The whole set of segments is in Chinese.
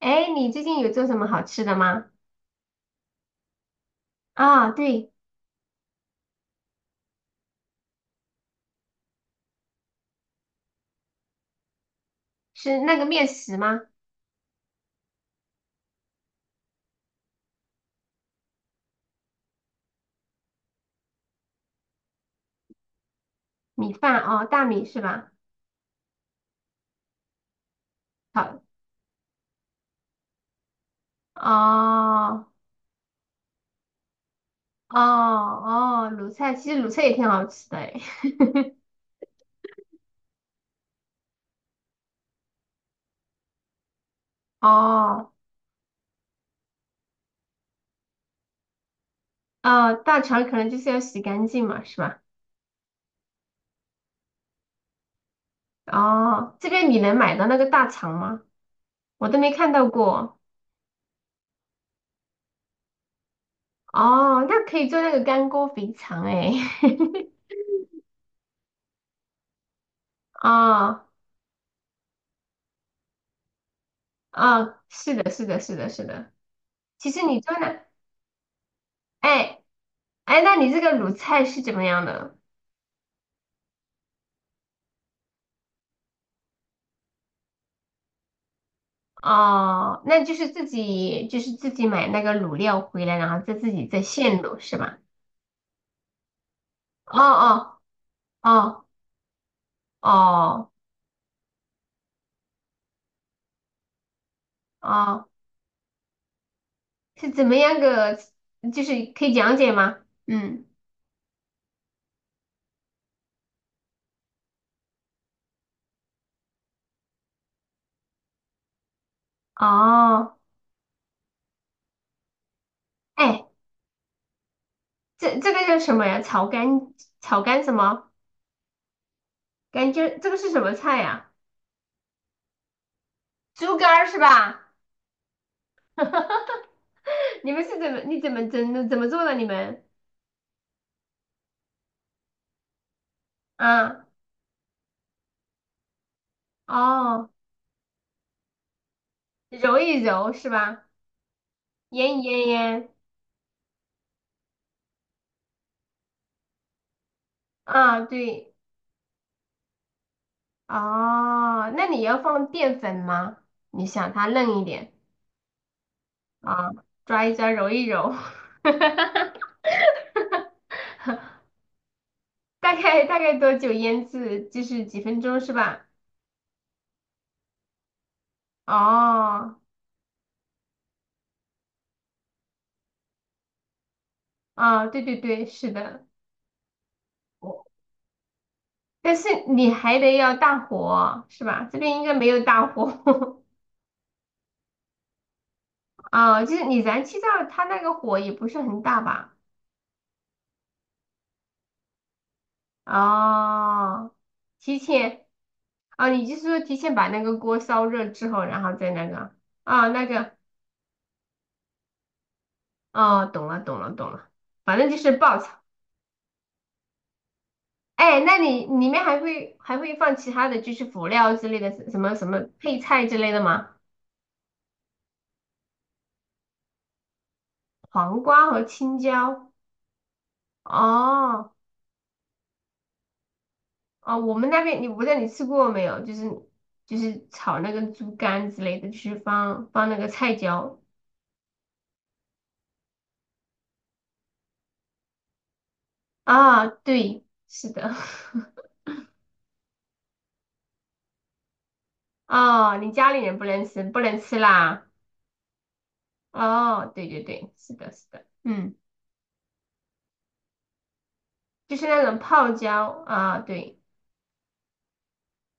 哎，你最近有做什么好吃的吗？啊，对，是那个面食吗？米饭哦，大米是吧？好，哦哦哦，卤菜，其实卤菜也挺好吃的哎。哦哦，大肠可能就是要洗干净嘛，是吧？哦，这边你能买到那个大肠吗？我都没看到过。哦，那可以做那个干锅肥肠哎。哦哦，是的，是的，是的，是的。其实你做那。哎哎，那你这个卤菜是怎么样的？哦，那就是自己就是自己买那个卤料回来，然后再自己再现卤是吧？哦哦哦哦哦，是怎么样个？就是可以讲解吗？嗯，哦，哎，这这个叫什么呀？炒肝炒肝什么？感觉这个是什么菜呀？猪肝儿是吧？你们是怎么你怎么做的？你们啊哦，揉一揉是吧？腌腌腌啊，对哦，那你要放淀粉吗？你想它嫩一点啊，抓一抓，揉一揉，大概大概多久腌制？就是几分钟是吧？哦，啊，对对对，是的，我但是你还得要大火是吧？这边应该没有大火。 啊，就是你燃气灶它那个火也不是很大吧？哦，提前哦，你就是说提前把那个锅烧热之后，然后再那个哦，那个哦，懂了懂了懂了，反正就是爆炒。哎，那你里面还会放其他的就是辅料之类的什么什么配菜之类的吗？黄瓜和青椒。哦哦，我们那边你我不知道你吃过没有，就是就是炒那个猪肝之类的，就是放那个菜椒。啊，对，是的。哦，你家里人不能吃，不能吃啦。哦，对对对，是的，是的，嗯，就是那种泡椒啊，对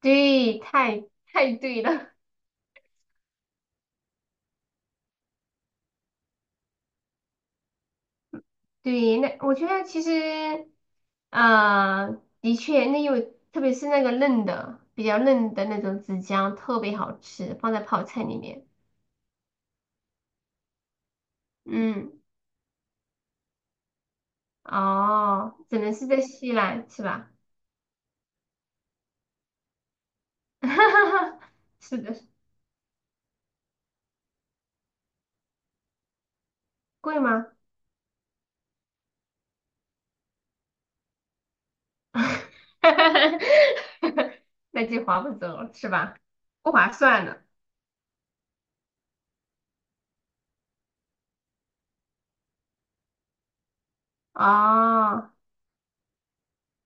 对，太对了，对，那我觉得其实，啊，的确，那有，特别是那个嫩的，比较嫩的那种子姜特别好吃，放在泡菜里面，嗯，哦，只能是在西兰是吧？是的，贵吗？那就划不走了是吧？不划算了。哦，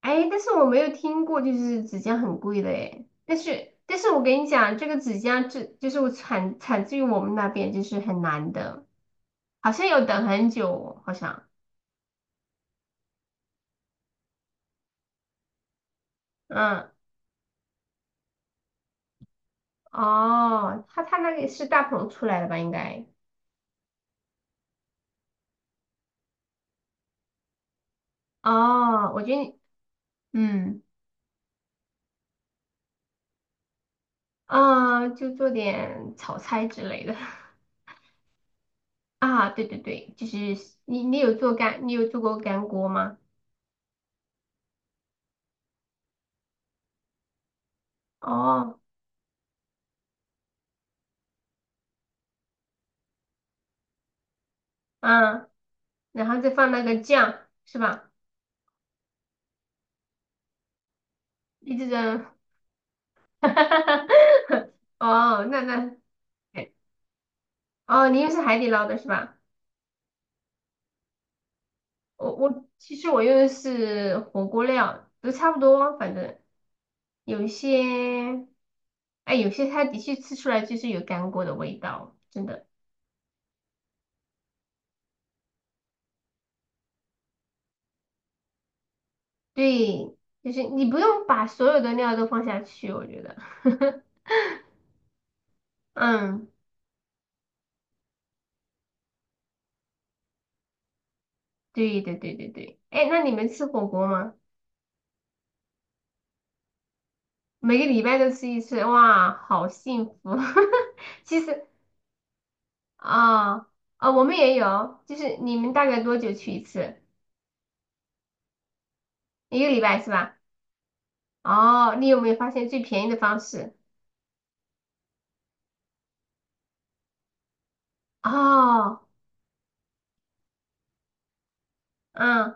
哎，但是我没有听过，就是指甲很贵的哎。但是，但是我跟你讲，这个指甲这就是我产自于我们那边，就是很难的，好像要等很久，好像。嗯，哦，他那个是大棚出来的吧？应该。哦，我觉得你，嗯，啊、就做点炒菜之类的。啊，对对对，就是你有做过干锅吗？哦，啊，然后再放那个酱是吧？一直扔，哦，哎哦，你用是海底捞的是吧？其实我用的是火锅料，都差不多，反正有一些，哎，有些它的确吃出来就是有干锅的味道，真的，对，就是你不用把所有的料都放下去，我觉得，嗯。对对对对对，哎，那你们吃火锅吗？每个礼拜都吃一次，哇，好幸福。其实啊我们也有，就是你们大概多久去一次？一个礼拜是吧？哦，你有没有发现最便宜的方式？哦，嗯，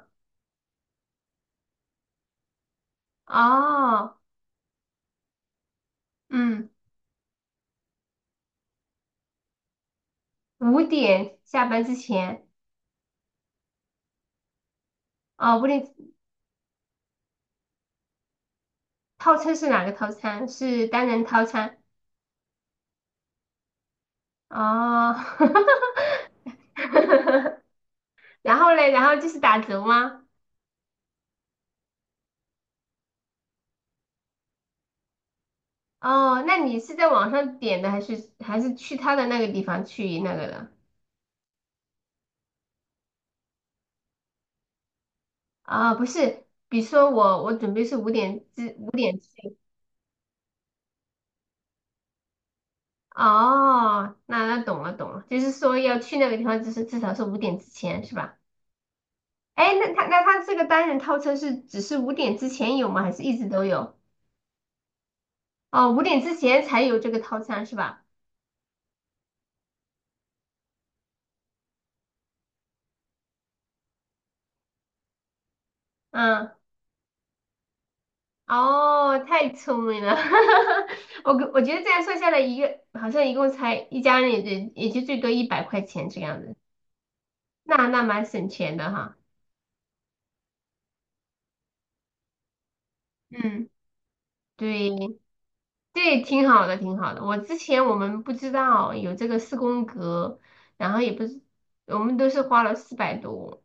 哦，嗯，5点下班之前，哦，五点套餐是哪个套餐？是单人套餐？哦，然后嘞，然后就是打折吗？哦，那你是在网上点的，还是还是去他的那个地方去那个的？啊、不是，比如说我准备是5点去。哦，那那懂了懂了，就是说要去那个地方，就是至少是五点之前是吧？哎，那他这个单人套餐是只是五点之前有吗？还是一直都有？哦，五点之前才有这个套餐是吧？嗯。哦，太聪明了，我我觉得这样算下来一个好像一共才一家人也就也就最多100块钱这样子，那那蛮省钱的哈。嗯，对，对，挺好的，挺好的。我之前我们不知道有这个四宫格，然后也不是，我们都是花了四百多，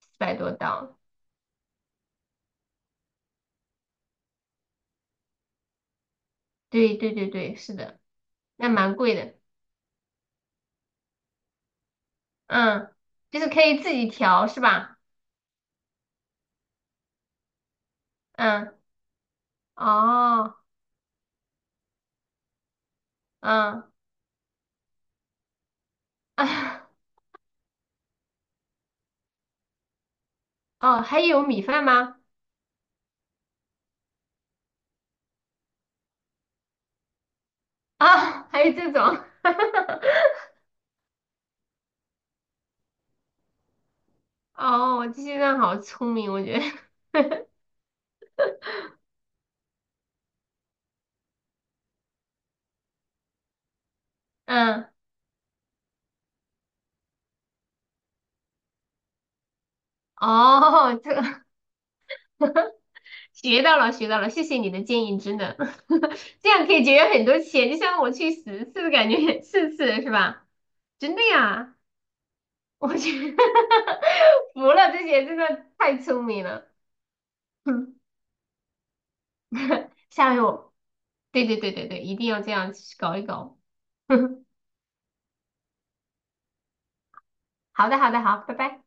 400多刀。对对对对，是的，那蛮贵的。嗯，就是可以自己调是吧？嗯，哦，嗯。哦，还有米饭吗？啊，还有这种，哦，这些人好聪明，我觉得，嗯，哦，这个 学到了，学到了，谢谢你的建议，真的，这样可以节约很多钱，就像我去10次，感觉4次是吧？真的呀，我去，服了，这些真的太聪明了，嗯，下回我，对对对对对，一定要这样去搞一搞，好的好的好，拜拜。